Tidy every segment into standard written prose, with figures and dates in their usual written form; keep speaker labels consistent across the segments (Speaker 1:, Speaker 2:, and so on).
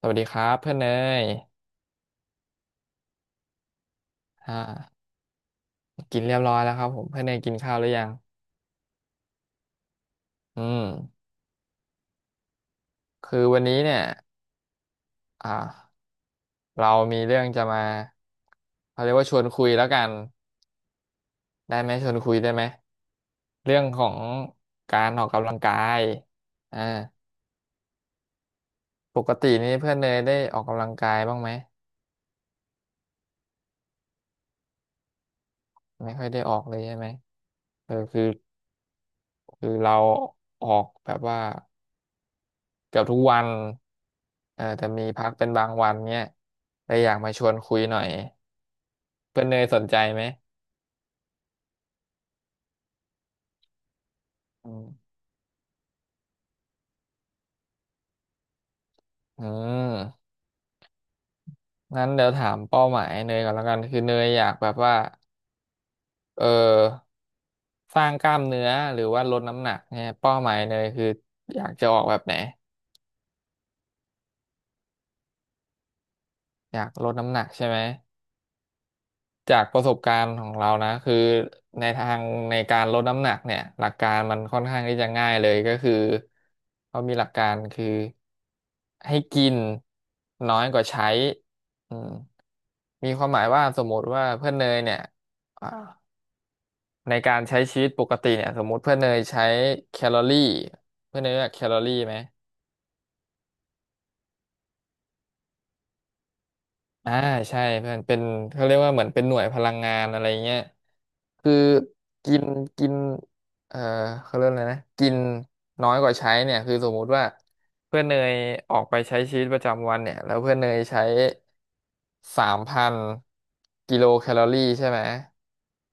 Speaker 1: สวัสดีครับเพื่อนเนยอ่ากินเรียบร้อยแล้วครับผมเพื่อนเนยกินข้าวหรือยังอืมคือวันนี้เนี่ยอ่าเรามีเรื่องจะมาเขาเรียกว่าชวนคุยแล้วกันได้ไหมชวนคุยได้ไหมเรื่องของการออกกำลังกายอ่าปกตินี่เพื่อนเนยได้ออกกำลังกายบ้างไหมไม่ค่อยได้ออกเลยใช่ไหมเออคือเราออกแบบว่า เกือบทุกวันเออแต่มีพักเป็นบางวันเนี้ยเลยอยากมาชวนคุยหน่อยเพื่อนเนยสนใจไหม อืมอืมงั้นเดี๋ยวถามเป้าหมายเนยก่อนแล้วกัน คือเนยอยากแบบว่า เออ สร้างกล้ามเนื้อหรือว่าลดน้ำหนักเนี่ยเป้าหมายเนยคืออยากจะออกแบบไหนอยากลดน้ำหนักใช่ไหม จากประสบการณ์ของเรานะคือในทางในการลดน้ำหนักเนี่ยหลักการมันค่อนข้างที่จะง่ายเลยก็คือเขามีหลักการคือให้กินน้อยกว่าใช้อืมมีความหมายว่าสมมติว่าเพื่อนเนยเนี่ยอ่าในการใช้ชีวิตปกติเนี่ยสมมติเพื่อนเนยใช้แคลอรี่เพื่อนเนยรู้จักแคลอรี่ไหม อ่าใช่เพื่อนเป็นเขาเรียกว่าเหมือนเป็นหน่วยพลังงานอะไรเงี้ยคือกินกินเอ่อเขาเรียกอะไรนะกินน้อยกว่าใช้เนี่ยคือสมมุติว่าเพื่อนเนยออกไปใช้ชีวิตประจำวันเนี่ยแล้วเพื่อนเนยใช้สามพันกิโลแคลอรี่ใช่ไหม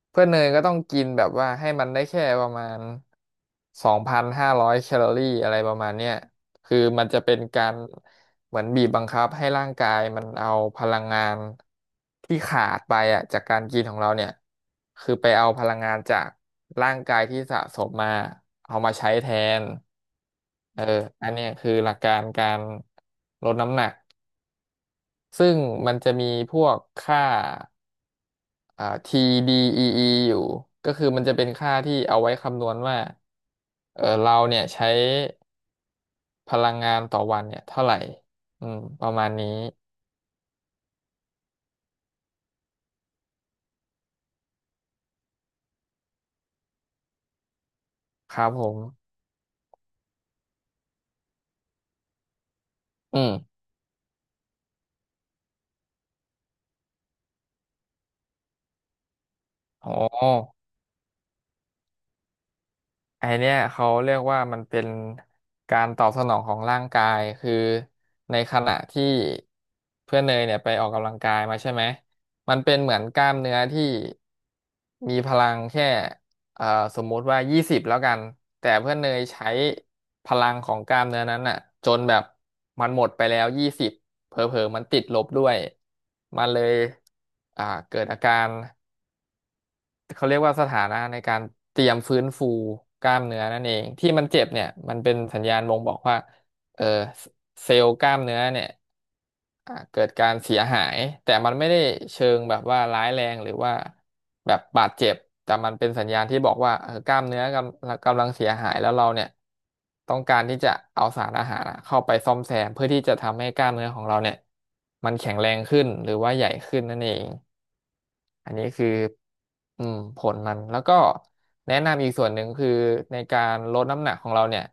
Speaker 1: เพื่อนเนยก็ต้องกินแบบว่าให้มันได้แค่ประมาณสองพันห้าร้อยแคลอรี่อะไรประมาณเนี้ยคือมันจะเป็นการ เหมือนบีบบังคับให้ร่างกายมันเอาพลังงานที่ขาดไปอ่ะจากการกินของเราเนี่ยคือไปเอาพลังงานจากร่างกายที่สะสมมาเอามาใช้แทนเอออันเนี้ยคือหลักการการลดน้ำหนักซึ่งมันจะมีพวกค่าTDEE ออีอยู่ก็คือมันจะเป็นค่าที่เอาไว้คำนวณว่าเออเราเนี่ยใช้พลังงานต่อวันเนี่ยเท่าไหร่อืมประมาณนี้ครับผม อืมอ๋อไอเนี้ยเขาเรียกว่ามันเป็นการตอบสนองของร่างกายคือในขณะที่เพื่อนเนยเนี่ยไปออกกำลังกายมาใช่ไหมมันเป็นเหมือนกล้ามเนื้อที่มีพลังแค่เอ่อสมมุติว่ายี่สิบแล้วกันแต่เพื่อนเนยใช้พลังของกล้ามเนื้อนั้นอ่ะจนแบบมันหมดไปแล้วยี่สิบเผลอๆมันติดลบด้วยมันเลยเกิดอาการ เขาเรียกว่าสถานะในการเตรียมฟื้นฟูกล้ามเนื้อนั่นเองที่มันเจ็บเนี่ยมันเป็นสัญญาณบ่งบอกว่าเออเซลล์กล้ามเนื้อเนี่ย เกิดการเสียหายแต่มันไม่ได้เชิงแบบว่าร้ายแรงหรือว่าแบบบาดเจ็บแต่มันเป็นสัญญาณที่บอกว่าเออกล้ามเนื้อกำลังเสียหายแล้วเราเนี่ยต้องการที่จะเอาสารอาหารอะเข้าไปซ่อมแซมเพื่อที่จะทำให้กล้ามเนื้อของเราเนี่ยมันแข็งแรงขึ้นหรือว่าใหญ่ขึ้นนั่นเองอันนี้คืออืมผลมันแล้วก็แนะนำอีกส่วนหนึ่งคือในการลดน้ำหนักของเราเนี่ย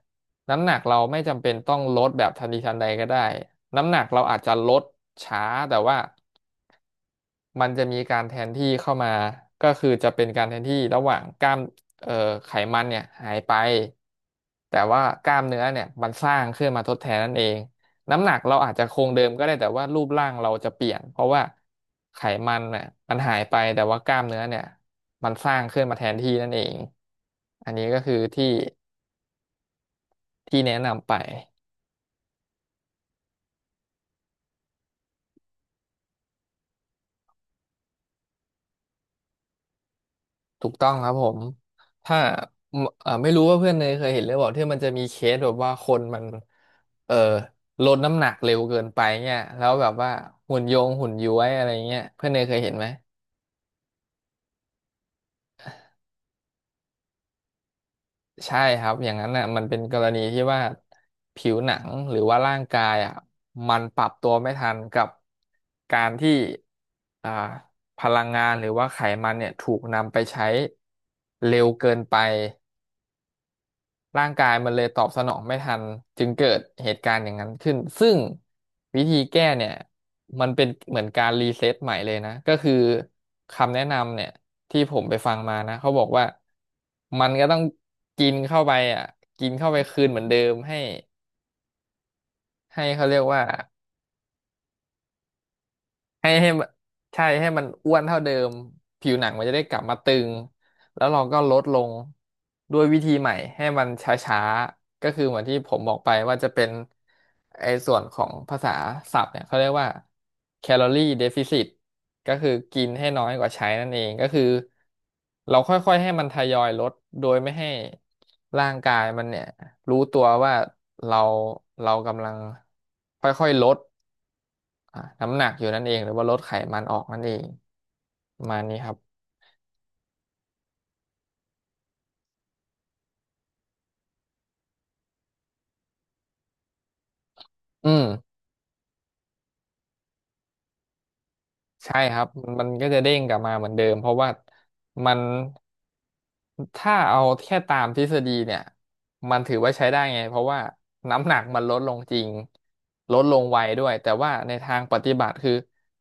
Speaker 1: น้ำหนักเราไม่จำเป็นต้องลดแบบทันทีทันใดก็ได้ น้ำหนักเราอาจจะลดช้าแต่ว่ามันจะมีการแทนที่เข้ามาก็คือจะเป็นการแทนที่ระหว่างกล้ามเอ่อไขมันเนี่ยหายไป แต่ว่ากล้ามเนื้อเนี่ยมันสร้างขึ้นมาทดแทนนั่นเองน้ำหนักเราอาจจะคงเดิมก็ได้แต่ว่ารูปร่างเราจะเปลี่ยนเพราะว่าไขมันเนี่ยมันหายไปแต่ว่ากล้ามเนื้อเนี่ยมันสร้างขึ้นมาแทนที่นั่นเองอันนี้ก็คือที่แนะนำไป ถูกต้องครับผมถ้าไม่รู้ว่าเพื่อนเนยเคยเห็นหรือเปล่าที่มันจะมีเคสแบบว่าคนมันเออลดน้ำหนักเร็วเกินไปเนี่ยแล้วแบบว่าหุ่นโยงหุ่นย้วยอะไรเงี้ยเพื่อนเนยเคยเห็นไหมใช่ครับอย่างนั้นน่ะมันเป็นกรณีที่ว่าผิวหนังหรือว่าร่างกายอ่ะมันปรับตัวไม่ทันกับการที่อ่าพลังงานหรือว่าไขมันเนี่ยถูกนำไปใช้เร็วเกินไป ร่างกายมันเลยตอบสนองไม่ทันจึงเกิดเหตุการณ์อย่างนั้นขึ้นซึ่งวิธีแก้เนี่ยมันเป็นเหมือนการรีเซ็ตใหม่เลยนะก็คือคำแนะนำเนี่ยที่ผมไปฟังมานะเขาบอกว่ามันก็ต้องกินเข้าไปอ่ะกินเข้าไปคืนเหมือนเดิมให้ให้เขาเรียกว่า ให้มันใช่ให้มันอ้วนเท่าเดิมผิวหนังมันจะได้กลับมาตึงแล้วเราก็ลดลงด้วยวิธีใหม่ให้มันช้าๆก็คือเหมือนที่ผมบอกไปว่าจะเป็นไอ้ส่วนของภาษาศัพท์เนี่ยเขาเรียกว่าแคลอรี่เดฟิซิตก็คือกินให้น้อยกว่าใช้นั่นเองก็คือเราค่อยๆให้มันทยอยลดโดยไม่ให้ร่างกายมันเนี่ยรู้ตัวว่าเราเรากำลังค่อยๆลด น้ำหนักอยู่นั่นเองหรือว่าลดไขมันออกนั่นเองประมาณนี้ครับอืม ใช่ครับมันก็จะเด้งกลับมาเหมือนเดิมเพราะว่ามันถ้าเอาแค่ตามทฤษฎีเนี่ยมันถือว่าใช้ได้ไงเพราะว่าน้ำหนักมันลดลงจริงลดลงไวด้วยแต่ว่าในทางปฏิบัติคือ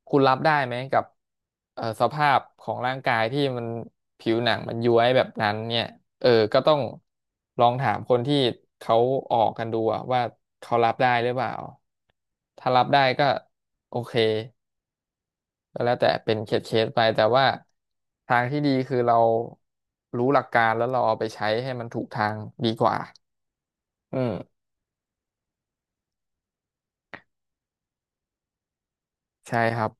Speaker 1: คุณรับได้ไหมกับสภาพของร่างกายที่มันผิวหนังมันย้วยแบบนั้นเนี่ยเออก็ต้องลองถามคนที่เขาออกกันดูอะว่าเขารับได้หรือเปล่าถ้ารับได้ก็โอเค ก็แล้วแต่เป็นเคสเคสไปแต่ว่าทางที่ดีคือเรารู้หลักการแล้วเราเอาไปใช้ให้มันถูกทางดีกว่าอืมใช่ครับ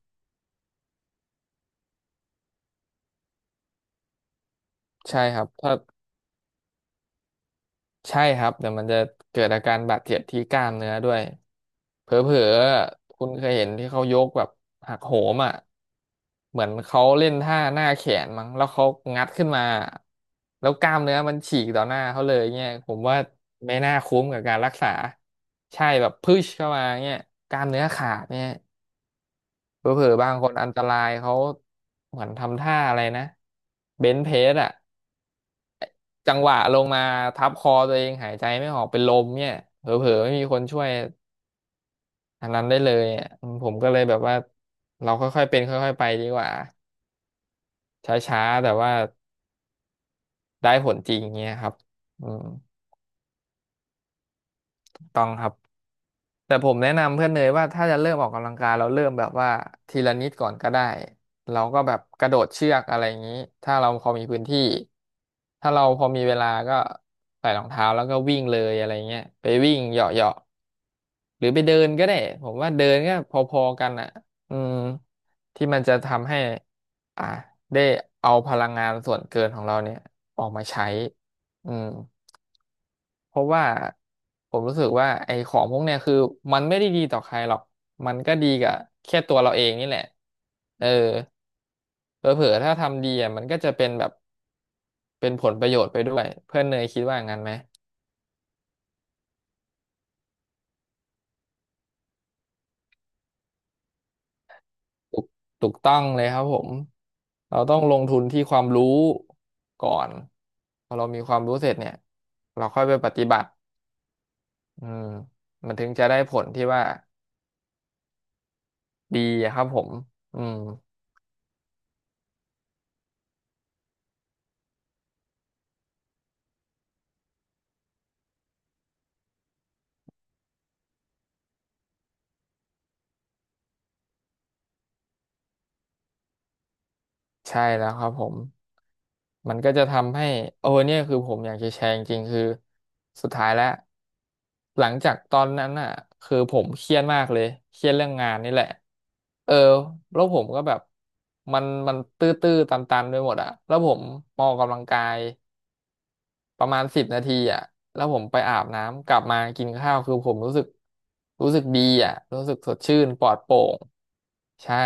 Speaker 1: ใช่ครับถ้า ใช่ครับเดี๋ยวมันจะเกิดอาการบาดเจ็บที่กล้ามเนื้อด้วยเผลอๆคุณเคยเห็นที่เขายกแบบหักโหมอ่ะเหมือนเขาเล่นท่าหน้าแขนมั้งแล้วเขางัดขึ้นมาแล้วกล้ามเนื้อมันฉีกต่อหน้าเขาเลยเนี่ยผมว่าไม่น่าคุ้มกับการรักษาใช่แบบพุชเข้ามาเนี่ยกล้ามเนื้อขาดเนี่ยเผลอๆบางคนอันตรายเขาเหมือนทำท่าอะไรนะเบนช์เพสอ่ะ จังหวะลงมาทับคอตัวเองหายใจไม่ออกเป็นลมเนี่ยเผลอๆไม่มีคนช่วยอันนั้นได้เลยอ่ะอืมผมก็เลยแบบว่าเราค่อยๆเป็นค่อยๆไปดีกว่าช้าๆแต่ว่าได้ผลจริงเงี้ยครับอืมต้องครับแต่ผมแนะนำเพื่อนเนยว่าถ้าจะเริ่มออกกำลังกายเราเริ่มแบบว่าทีละนิดก่อนก็ได้เราก็แบบกระโดดเชือกอะไรอย่างนี้ถ้าเราพอมีพื้นที่ถ้าเราพอมีเวลาก็ใส่รองเท้าแล้วก็วิ่งเลยอะไรเงี้ยไปวิ่งเหยาะเหาะ หรือไปเดินก็ได้ผมว่าเดินก็พอๆกันอ่ะอืมที่มันจะทำให้อ่าได้เอาพลังงานส่วนเกินของเราเนี่ยออกมาใช้อืมเพราะว่าผมรู้สึกว่าไอ้ของพวกเนี่ยคือมันไม่ได้ดีต่อใครหรอกมันก็ดีกับแค่ตัวเราเองนี่แหละเออเผลอๆถ้าทำดีอ่ะมันก็จะเป็นแบบเป็นผลประโยชน์ไปด้วยเพื่อนเนยคิดว่างั้นไหม ถูกถูกต้องเลยครับผมเราต้องลงทุนที่ความรู้ก่อนพอเรามีความรู้เสร็จเนี่ยเราค่อยไปปฏิบัติอืมมันถึงจะได้ผลที่ว่าดีอะครับผมอืม ใช่แล้วครับผม มันก็จะทำให้โอ้เนี่ยคือผมอยากจะแชร์จริงๆคือสุดท้ายแล้วหลังจากตอนนั้นอ่ะคือผมเครียดมากเลยเครียดเรื่องงานนี่แหละเออแล้วผมก็แบบมันตื้อๆตันๆไปหมดอ่ะแล้วผมมาออกกำลังกายประมาณ10 นาทีอ่ะแล้วผมไปอาบน้ำกลับมากินข้าวคือผมรู้สึกรู้สึกดีอ่ะรู้สึกสดชื่นปลอดโปร่งใช่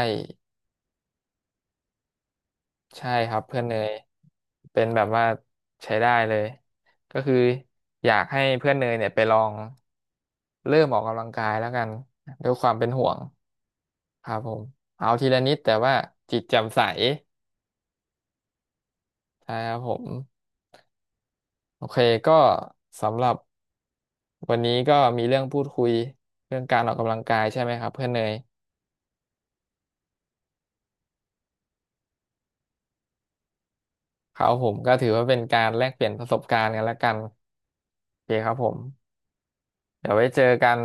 Speaker 1: ใช่ครับเพื่อนเนยเป็นแบบว่าใช้ได้เลยก็คืออยากให้เพื่อนเนยเนี่ยไปลองเริ่มออกกำลังกายแล้วกันด้วยความเป็นห่วงครับผมเอาทีละนิดแต่ว่าจิตแจ่มใสใช่ครับผมโอเคก็สำหรับวันนี้ก็มีเรื่องพูดคุยเรื่องการออกกำลังกายใช่ไหมครับเพื่อนเนยครับผมก็ถือว่าเป็นการแลกเปลี่ยนประสบการณ์กันแล้วกันโอเคครับผมเดี๋ยวไว้เจอกัน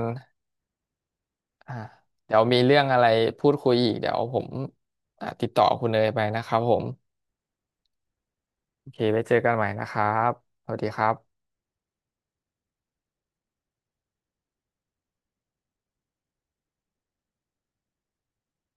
Speaker 1: อ่าเดี๋ยวมีเรื่องอะไรพูดคุยอีกเดี๋ยวผมติดต่อคุณเนยไปนะครับผมโอเคไว้เจอกันใหม่นะครับสวัสดีครับ